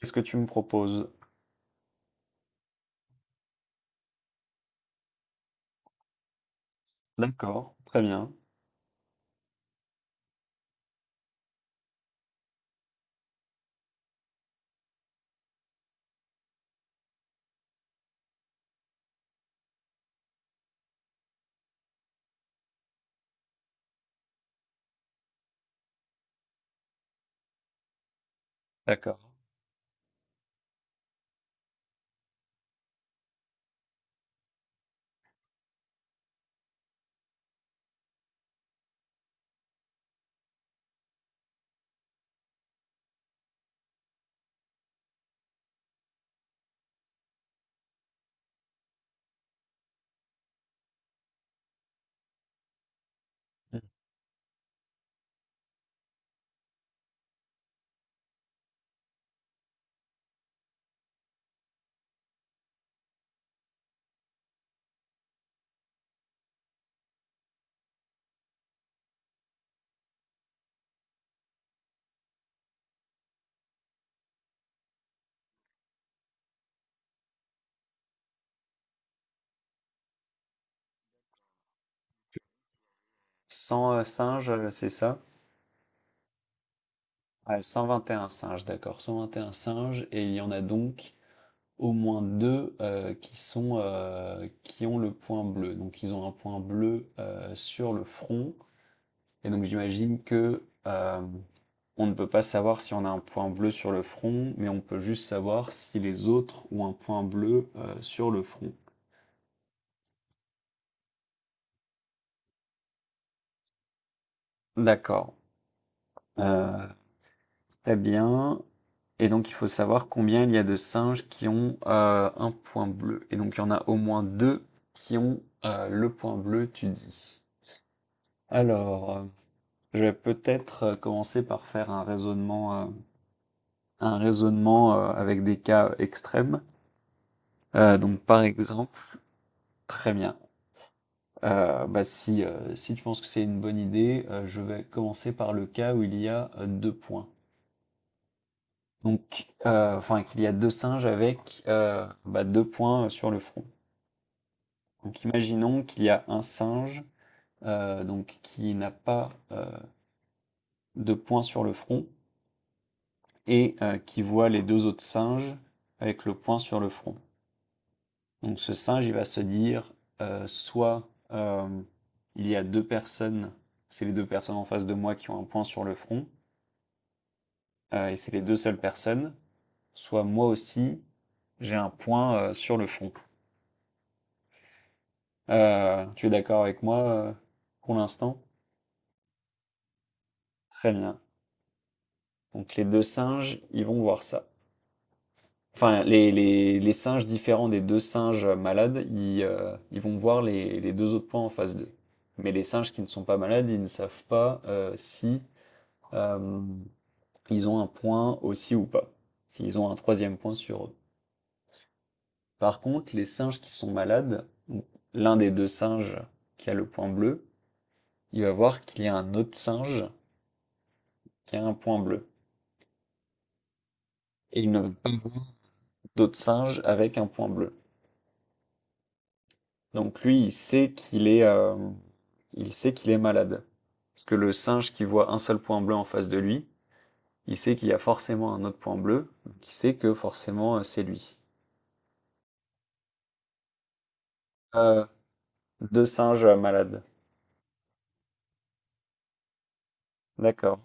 Qu'est-ce que tu me proposes? D'accord, très bien. D'accord. Mm. 100 singes, c'est ça? Ah, 121 singes, d'accord. 121 singes, et il y en a donc au moins deux qui sont, qui ont le point bleu. Donc ils ont un point bleu sur le front, et donc j'imagine que on ne peut pas savoir si on a un point bleu sur le front, mais on peut juste savoir si les autres ont un point bleu sur le front. D'accord. Euh, Très bien. Et donc, il faut savoir combien il y a de singes qui ont un point bleu. Et donc, il y en a au moins deux qui ont le point bleu, tu dis. Alors, euh, je vais peut-être commencer par faire un raisonnement avec des cas extrêmes. Donc, par exemple, très bien. Bah si, si tu penses que c'est une bonne idée, je vais commencer par le cas où il y a deux points. Donc, enfin, qu'il y a deux singes avec bah, deux points sur le front. Donc, imaginons qu'il y a un singe donc qui n'a pas de point sur le front et qui voit les deux autres singes avec le point sur le front. Donc, ce singe, il va se dire soit il y a deux personnes, c'est les deux personnes en face de moi qui ont un point sur le front et c'est les deux seules personnes, soit moi aussi j'ai un point sur le front. Tu es d'accord avec moi pour l'instant? Très bien. Donc les deux singes, ils vont voir ça. Enfin, les singes différents des deux singes malades, ils vont voir les deux autres points en face d'eux. Mais les singes qui ne sont pas malades, ils ne savent pas si euh, ils ont un point aussi ou pas. S'ils ont un troisième point sur eux. Par contre, les singes qui sont malades, l'un des deux singes qui a le point bleu, il va voir qu'il y a un autre singe qui a un point bleu. Et il ne veut pas voir d'autres singes avec un point bleu. Donc lui, il sait qu'il est, il sait qu'il est malade. Parce que le singe qui voit un seul point bleu en face de lui, il sait qu'il y a forcément un autre point bleu, donc il sait que forcément c'est lui. Euh, Deux singes malades. D'accord.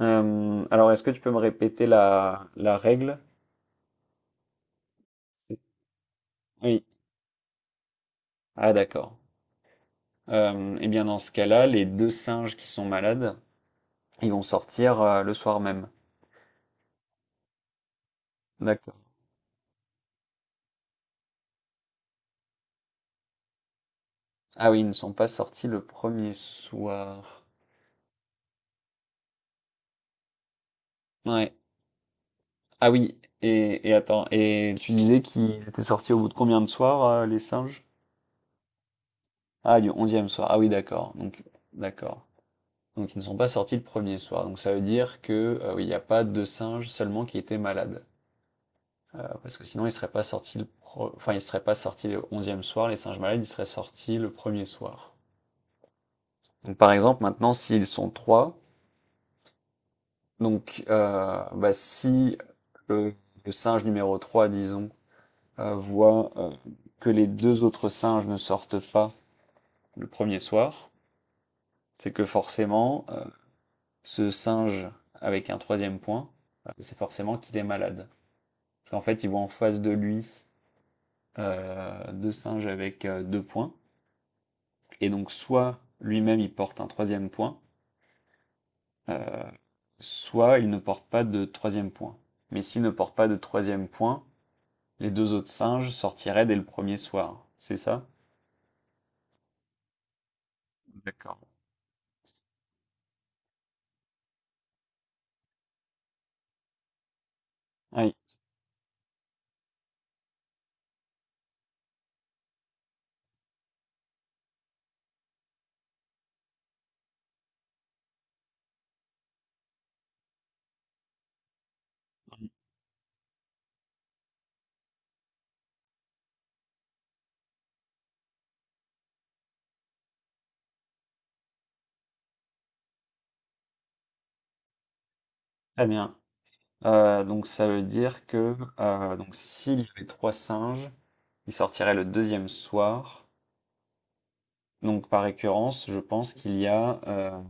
Est-ce que tu peux me répéter la règle? Oui. Ah, d'accord. Eh bien, dans ce cas-là, les deux singes qui sont malades, ils vont sortir le soir même. D'accord. Ah oui, ils ne sont pas sortis le premier soir. Ouais. Ah oui, et attends, et tu disais qu'ils étaient sortis au bout de combien de soirs, les singes? Ah, du onzième soir. Ah oui, d'accord. D'accord. Donc, ils ne sont pas sortis le premier soir. Donc, ça veut dire que, oui, il n'y a pas deux singes seulement qui étaient malades. Parce que sinon, ils ne seraient pas sortis le pro- enfin, ils seraient pas sortis le onzième soir. Les singes malades, ils seraient sortis le premier soir. Donc, par exemple, maintenant, s'ils sont trois, donc, bah, si le, le singe numéro 3, disons, voit que les deux autres singes ne sortent pas le premier soir, c'est que forcément, ce singe avec un troisième point, c'est forcément qu'il est malade. Parce qu'en fait, il voit en face de lui deux singes avec deux points, et donc soit lui-même il porte un troisième point, euh, soit il ne porte pas de troisième point. Mais s'il ne porte pas de troisième point, les deux autres singes sortiraient dès le premier soir, c'est ça? D'accord. Oui, très bien. Donc ça veut dire que donc s'il y avait trois singes, ils sortiraient le deuxième soir. Donc par récurrence, je pense qu'il y a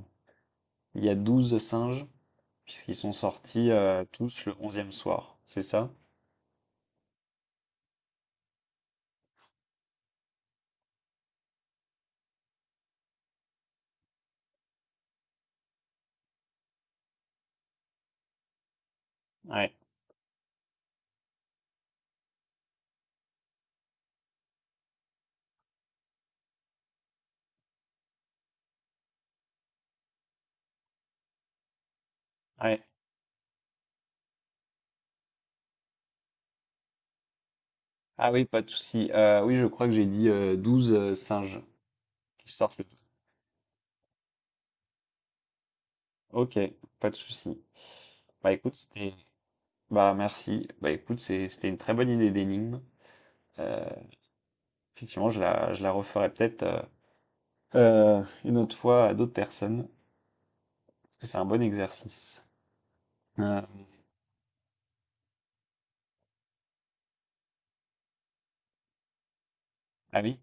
il y a 12 singes puisqu'ils sont sortis tous le onzième soir. C'est ça? Ouais, ouais. Ah oui, pas de souci. Oui, je crois que j'ai dit 12 singes qui sortent le. Ok, pas de souci. Bah écoute, c'était Bah merci. Bah écoute, c'était une très bonne idée d'énigme. Euh, Effectivement, je la referai peut-être une autre fois à d'autres personnes, parce que c'est un bon exercice. Euh, ah oui,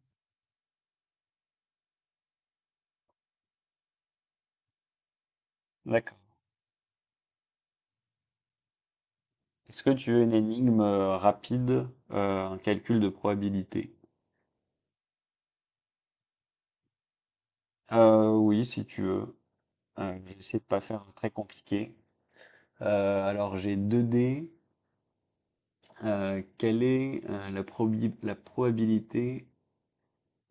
d'accord. Est-ce que tu veux une énigme rapide, un calcul de probabilité? Oui, si tu veux. Je vais essayer de pas faire très compliqué. Alors j'ai 2 dés. Quelle est la probabilité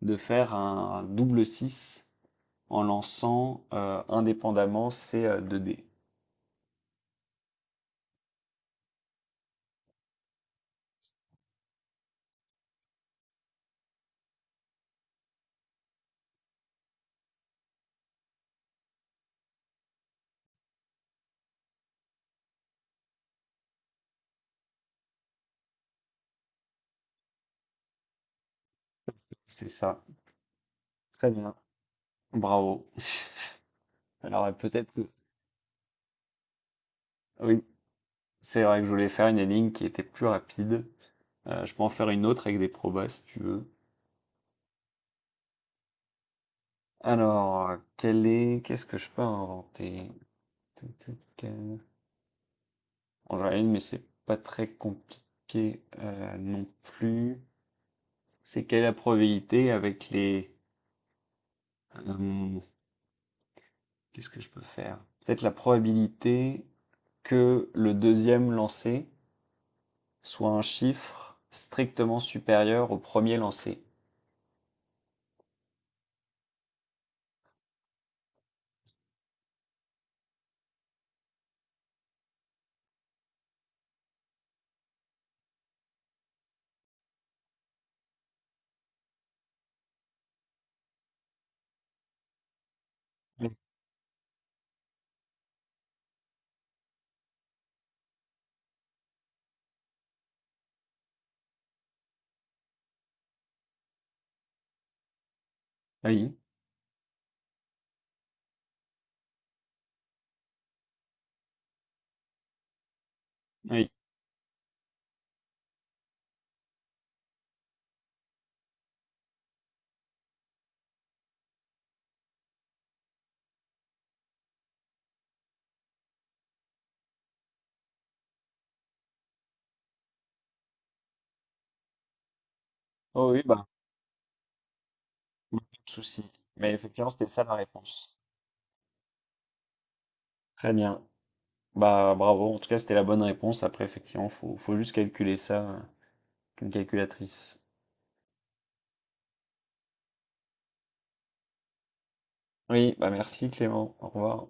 de faire un double six, en lançant indépendamment ces deux dés. C'est ça. Très bien. Bravo. Peut-être que... Oui, c'est vrai que je voulais faire une ligne qui était plus rapide. Je peux en faire une autre avec des probas si tu veux. Quelle est... Qu'est-ce que je peux inventer? Tout, tout, Bon, j'en ai une, mais c'est pas très compliqué non plus. C'est quelle est la probabilité avec les... euh, Qu'est-ce que je peux faire? Peut-être la probabilité que le deuxième lancé soit un chiffre strictement supérieur au premier lancé. Oui, oui, oui. Oh oui, bah, bah, pas de souci. Mais effectivement, c'était ça la réponse. Très bien. Bah, bravo. En tout cas, c'était la bonne réponse. Après, effectivement, faut juste calculer ça avec une calculatrice. Oui, bah merci Clément. Au revoir.